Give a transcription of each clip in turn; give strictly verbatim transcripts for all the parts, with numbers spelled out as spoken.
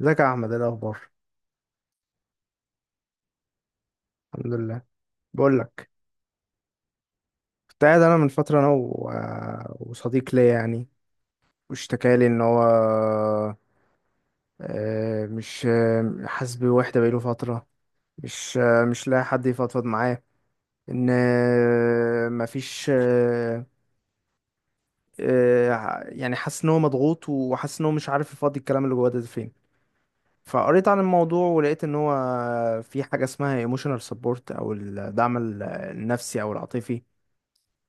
ازيك يا احمد؟ ايه الاخبار؟ الحمد لله. بقول لك. كنت قاعد انا من فتره انا و... آه، وصديق ليا يعني. واشتكى لي ان هو آه، مش آه، حاسس بوحده بقاله فتره. مش آه، مش لاقي حد يفضفض معاه. ان آه، مفيش آه، آه، ع- يعني حاسس ان هو مضغوط وحاسس ان هو مش عارف يفضي الكلام اللي جواه ده فين. فقريت عن الموضوع ولقيت ان هو في حاجه اسمها emotional support او الدعم ال- النفسي او العاطفي.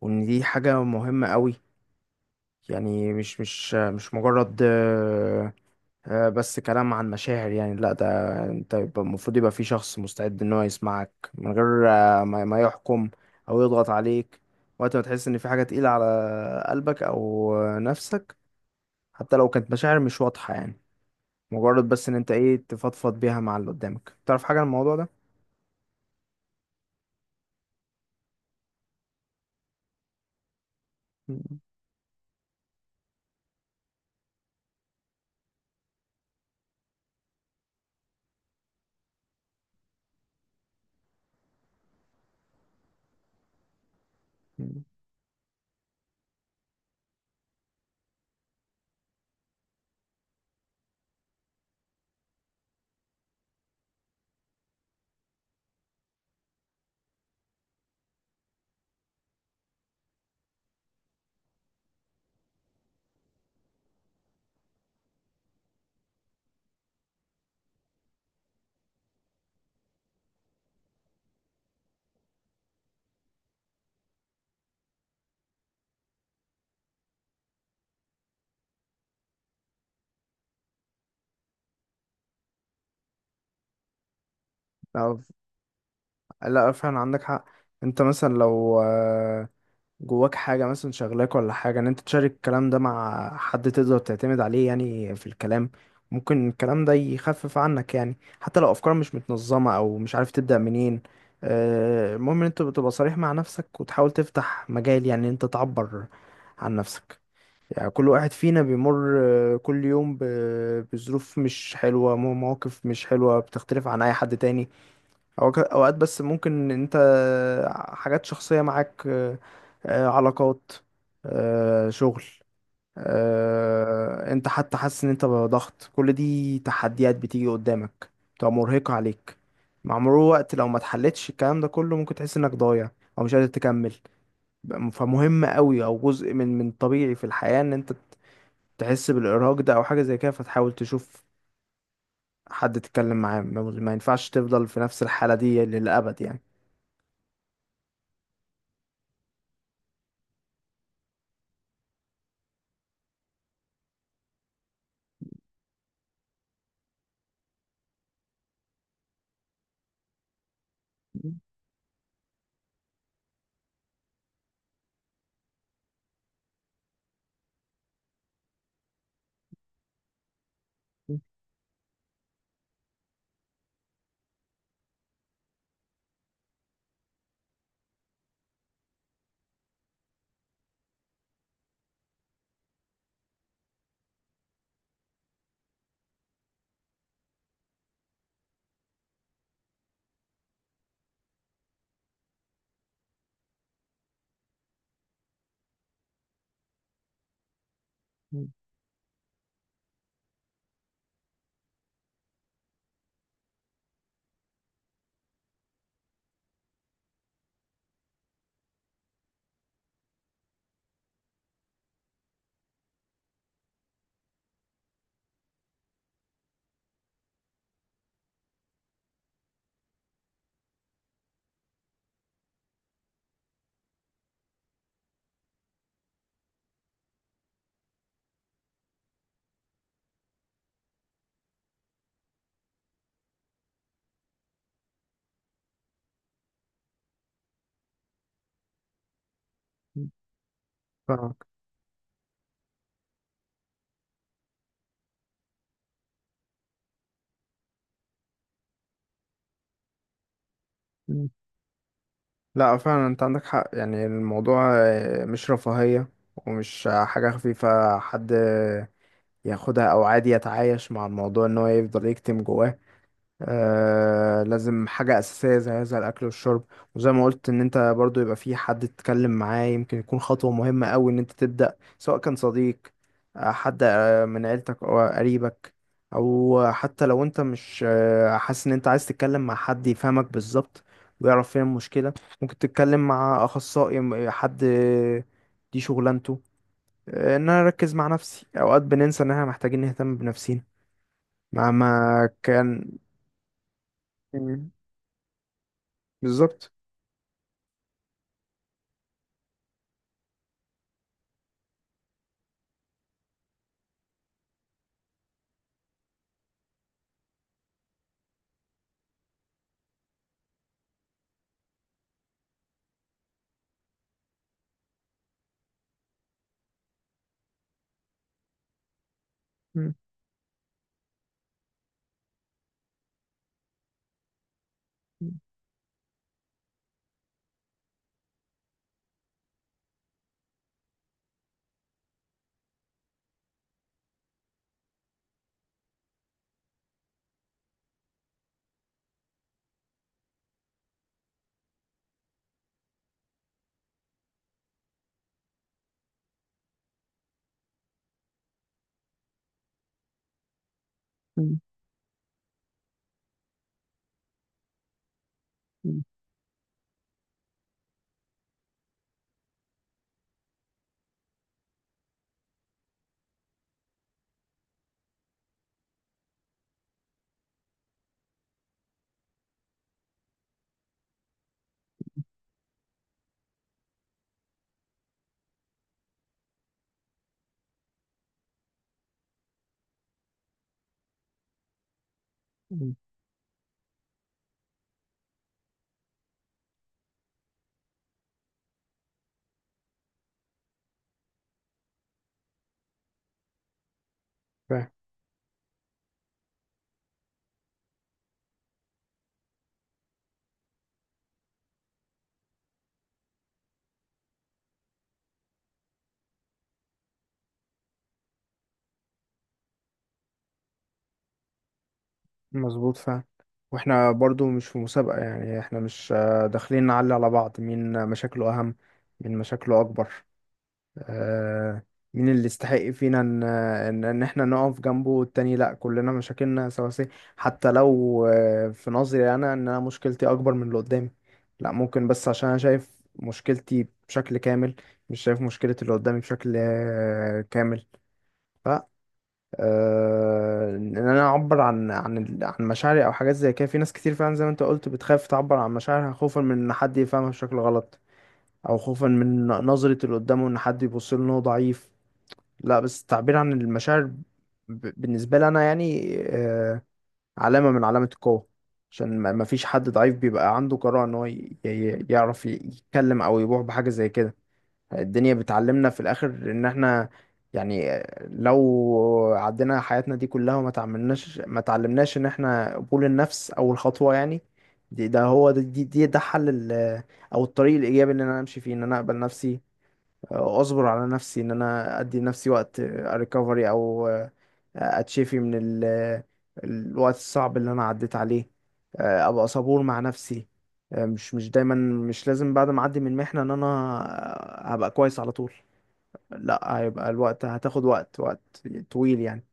وان دي حاجة مهمة قوي. يعني مش مش مش مجرد، آه، آه، بس كلام عن مشاعر، يعني لا ده. انت يبقى- المفروض يبقى في شخص مستعد ان هو يسمعك من غير آه، ما ما يحكم او يضغط عليك وقت ما تحس ان في حاجة تقيلة على قلبك او نفسك، حتى لو كانت مشاعر مش واضحة يعني. مجرد بس ان انت ايه تفضفض بيها مع اللي قدامك. تعرف حاجة عن الموضوع ده؟ مم. لا، لا، فعلا عندك حق. انت مثلا لو آه، جواك حاجة مثلا شغلاك ولا حاجة، ان انت تشارك الكلام ده مع حد تقدر تعتمد عليه يعني في الكلام. ممكن الكلام ده يخفف عنك يعني، حتى لو افكار مش متنظمة او مش عارف تبدأ منين. آه، المهم ان انت بتبقى صريح مع نفسك وتحاول تفتح مجال يعني ان انت تعبر عن نفسك. يعني كل واحد فينا بيمر آه، كل يوم ب- بظروف مش حلوة، مو- مواقف مش حلوة بتختلف عن اي حد تاني. أو- اوقات بس ممكن انت حاجات شخصية معاك، آه، آه، علاقات، آه، شغل، آه، انت حتى حاسس ان انت بضغط، كل دي تحديات بتيجي قدامك بتبقى مرهقة عليك. مع مرور الوقت لو ما اتحلتش الكلام ده كله ممكن تحس انك ضايع او مش قادر تكمل. فمهم قوي او جزء من من طبيعي في الحياة ان انت تحس بالارهاق ده او حاجة زي كده، فتحاول تشوف حد تتكلم معاه. ما ما ينفعش تفضل في نفس الحالة دي للأبد يعني. مم. لا فعلا انت عندك حق، يعني الموضوع آه، مش رفاهية. ومش آه، حاجة خفيفة حد ياخدها او عادي يتعايش مع الموضوع ان هو يفضل يكتم جواه. آه لازم حاجة أساسية زي هذا الأكل والشرب. وزي ما قلت إن أنت برضو يبقى في حد تتكلم معاه، يمكن يكون خطوة مهمة أوي إن أنت تبدأ، سواء كان صديق، آه، حد آه، من عيلتك أو قريبك. أو حتى لو أنت مش آه، حاسس إن أنت عايز تتكلم مع حد يفهمك بالظبط ويعرف فين المشكلة، ممكن تتكلم مع أخصائي، م- حد آه، دي شغلانته. آه، إن أنا أركز مع نفسي. أوقات بننسى إن إحنا محتاجين نهتم بنفسينا مهما كان. مم. بالظبط. مم. مم. مم. فاهم. مظبوط فاهم. واحنا برضو مش في مسابقة، يعني احنا مش آه، داخلين نعلي على بعض مين مشاكله أهم، مين مشاكله أكبر. آه، مين اللي يستحق فينا ان ان إن احنا نقف جنبه والتاني لا، كلنا مشاكلنا سواسية. حتى لو آه، في نظري انا ان انا مشكلتي اكبر من اللي قدامي، لا ممكن بس عشان انا شايف مشكلتي بشكل كامل، مش شايف مشكلة اللي قدامي بشكل آه، كامل. آه، ان انا اعبر عن عن ال- عن مشاعري او حاجات زي كده. في ناس كتير فعلا زي ما انت قلت بتخاف تعبر عن مشاعرها خوفا من ان حد يفهمها بشكل غلط، او خوفا من نظرة اللي قدامه ان حد يبص له ان هو ضعيف. لا بس التعبير عن المشاعر ب- بالنسبة لي انا يعني آه، علامة من علامة القوة. عشان ما ما فيش حد ضعيف بيبقى عنده جرأة ان هو ي- ي- يعرف ي- يتكلم او يبوح بحاجة زي كده. الدنيا بتعلمنا في الاخر ان احنا يعني لو عدينا حياتنا دي كلها وما تعملناش ما تعلمناش ان احنا قبول النفس اول خطوة يعني. دي ده هو ده دي, دي ده حل ال- او الطريق الايجابي ان انا امشي فيه، ان انا اقبل نفسي، اصبر على نفسي، ان انا ادي نفسي وقت ريكفري او اتشفي من ال... الوقت الصعب اللي انا عديت عليه. ابقى صبور مع نفسي. مش مش دايما مش لازم بعد ما اعدي من محنة ان انا هبقى كويس على طول. لا هيبقى الوقت، هتاخد وقت وقت طويل يعني.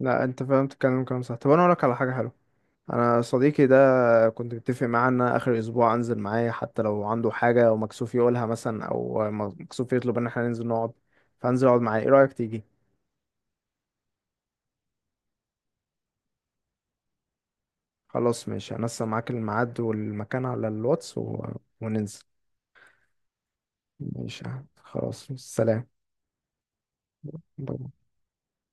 لا انت فهمت الكلام، كلام صح. طب انا اقول لك على حاجة حلوة. انا صديقي ده كنت متفق معاه ان أنا اخر اسبوع انزل معاه، حتى لو عنده حاجة ومكسوف يقولها مثلا او مكسوف يطلب ان احنا ننزل نقعد، فانزل اقعد معاه. ايه رأيك تيجي؟ خلاص ماشي، هنسق معاك الميعاد والمكان على الواتس و... وننزل. ماشي يا أحمد. خلاص سلام. باي باي.